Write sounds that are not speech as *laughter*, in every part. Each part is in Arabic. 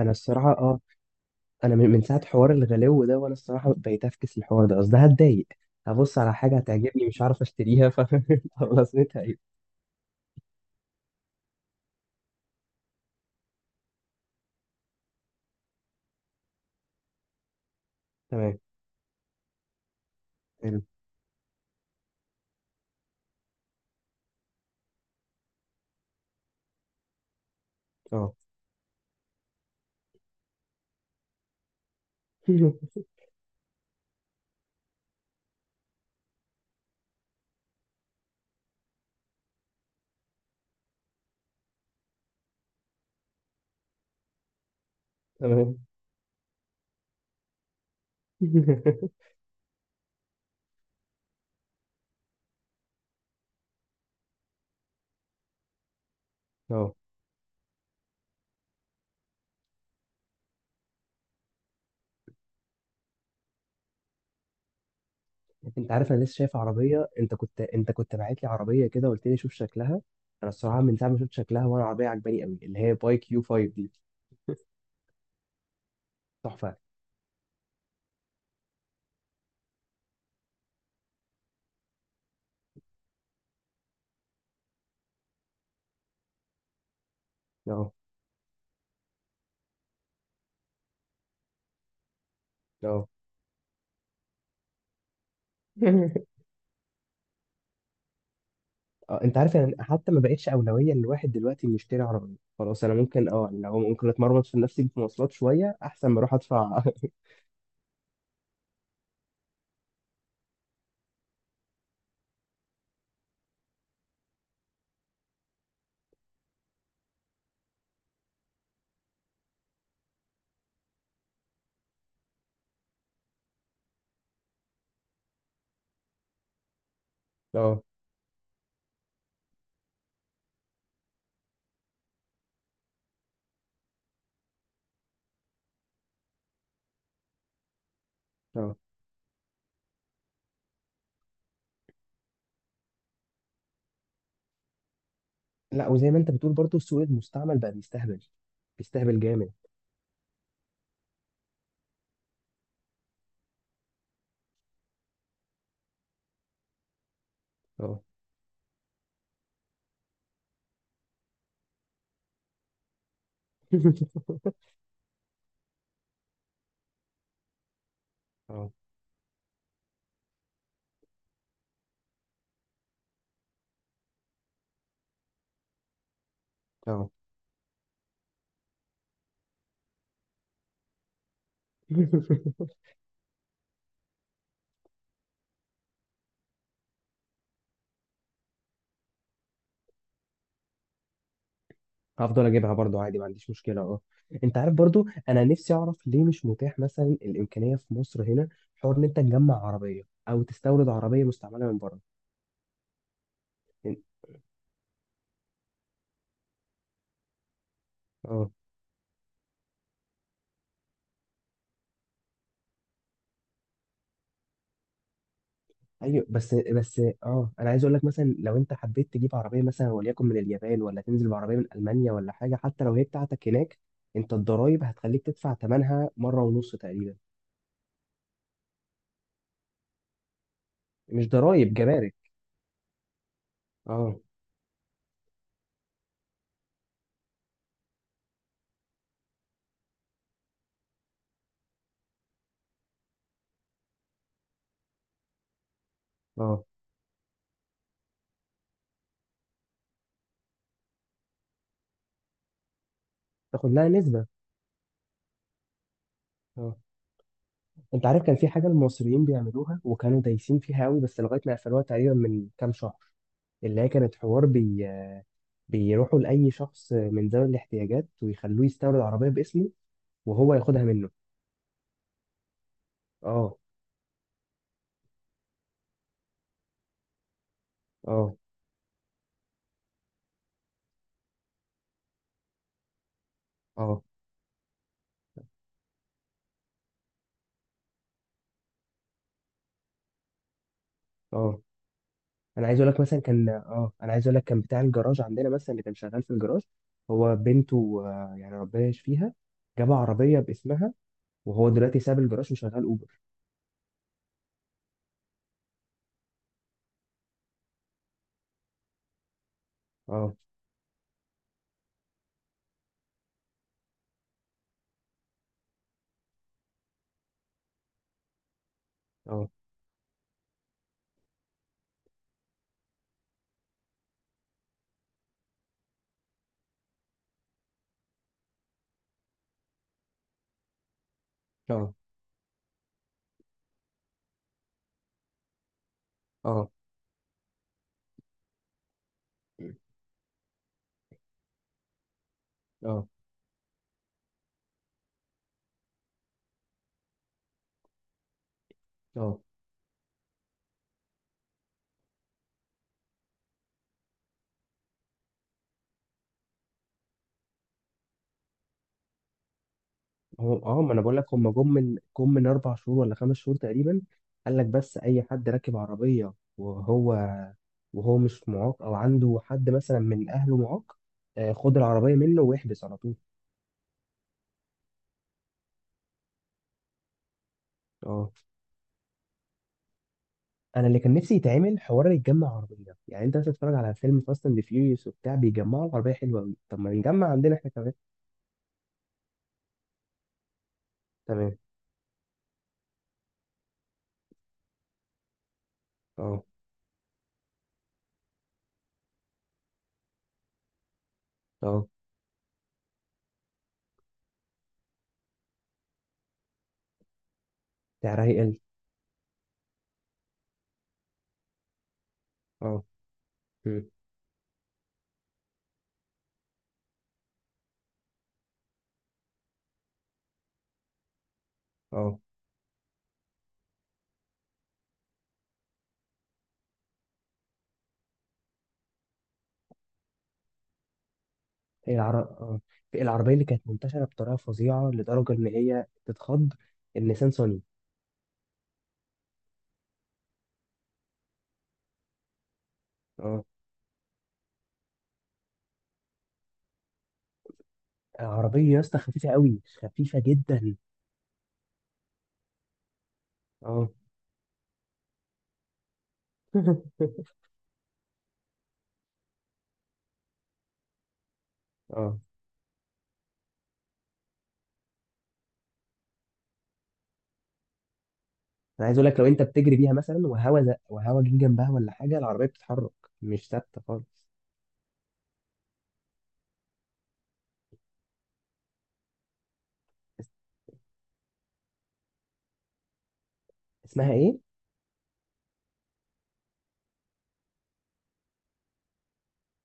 انا الصراحه، اه. انا من ساعه حوار الغلو ده وانا الصراحه بقيت افكس الحوار ده، قصدي هتضايق. هبص على حاجه هتعجبني مش عارف اشتريها، ف *laughs* طب لازمتها ايه؟ تمام. حلو. اه. *laughs* تمام. *laughs* اه، انت عارف، انا لسه شايف عربيه، انت كنت باعت لي عربيه كده وقلت لي شوف شكلها. انا الصراحه من ساعه ما شفت شكلها وانا عربيه عجباني قوي، اللي هي باي كيو 5 دي. تحفه. اه. اه. *laughs* اه، انت عارف يعني، حتى ما بقتش اولويه للواحد دلوقتي انه يشتري عربيه. خلاص، انا ممكن، اه يعني، لو ممكن اتمرمط في نفسي في مواصلات شويه احسن ما اروح ادفع. *laughs* اه. اه. لا، وزي ما انت بتقول برضو السوق المستعمل بقى بيستهبل. بيستهبل جامد. اه. *laughs* اه. اه. *laughs* هفضل اجيبها برضو عادي، ما عنديش مشكله. اه، انت عارف برضو، انا نفسي اعرف ليه مش متاح مثلا الامكانيه في مصر هنا، حوار ان انت تجمع عربيه او تستورد عربيه مستعمله من بره. اه. ايوه، بس اه، انا عايز اقول لك مثلا لو انت حبيت تجيب عربيه مثلا، وليكن من اليابان، ولا تنزل بعربيه من المانيا، ولا حاجه، حتى لو هي بتاعتك هناك، انت الضرايب هتخليك تدفع ثمنها مره ونص تقريبا. مش ضرايب، جمارك. اه. اه. تاخد لها نسبه. اه، انت عارف كان في حاجه المصريين بيعملوها وكانوا دايسين فيها قوي، بس لغايه ما قفلوها تقريبا من كام شهر. اللي هي كانت حوار بيروحوا لاي شخص من ذوي الاحتياجات ويخلوه يستورد عربيه باسمه وهو ياخدها منه. اه. اه. اه. اه. انا عايز اقول لك مثلا كان، اه انا عايز اقول لك، كان بتاع الجراج عندنا مثلا اللي كان شغال في الجراج، هو بنته، آه، يعني ربنا يشفيها. جاب عربيه باسمها، وهو دلوقتي ساب الجراج وشغال اوبر. اه. اه. اه. اه. اه. اه. هو اه، ما انا بقول لك، هم جم من 4 شهور ولا 5 شهور تقريبا. قال لك، بس اي حد راكب عربيه وهو مش معاق او عنده حد مثلا من اهله معاق، آه، خد العربيه منه واحبس على طول. اه. انا اللي كان نفسي يتعمل حوار يتجمع عربيه، يعني انت مثلا تتفرج على فيلم فاست اند فيوريوس وبتاع، بيجمعوا العربيه حلوه قوي، طب ما نجمع عندنا احنا كمان. تمام. اه. اه. سعرها يقل. اه. مم. اه. اه، في العربيه اللي كانت منتشره بطريقه فظيعه لدرجه ان هي تتخض، النيسان صني. اه. العربيه يا اسطى خفيفه قوي، خفيفه جدا. اه. *laughs* اه، انا عايز اقول لك، لو انت بتجري بيها مثلا وهوا زق وهوا جه جنبها ولا حاجه، العربيه بتتحرك، مش ثابته خالص. اس- اسمها ايه؟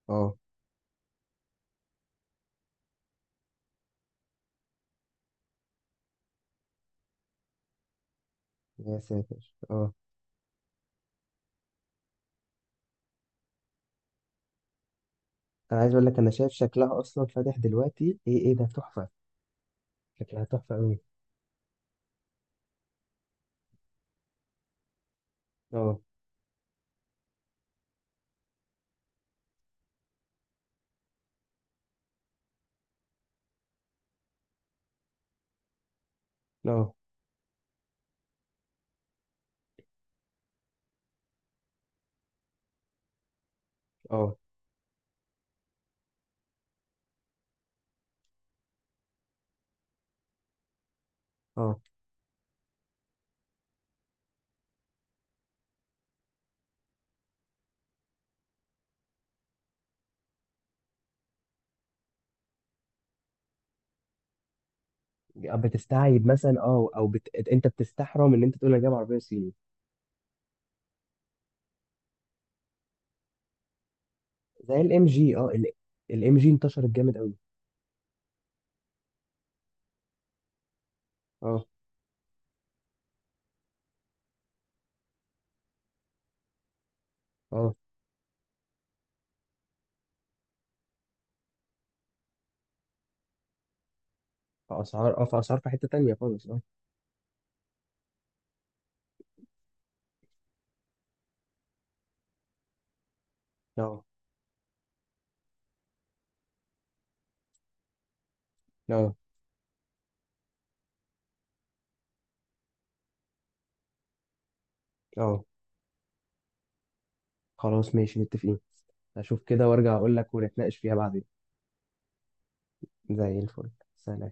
اه. يا ساتر. اه. انا عايز اقول لك، انا شايف شكلها اصلا فاتح دلوقتي، ايه ايه ده، تحفه. شكلها تحفه قوي. اه. اه. اه. اه. بتستعيب مثلا، اه، انت بتستحرم ان انت تقول انا جايب عربيه صيني. زي الام جي. اه. الام جي انتشرت جامد قوي. اه. اه. في اسعار، اه، في اسعار في حته تانية خالص. اه. اه. اه. اه. خلاص ماشي، متفقين. اشوف كده وارجع اقول لك ونتناقش فيها بعدين. زي الفل. سلام.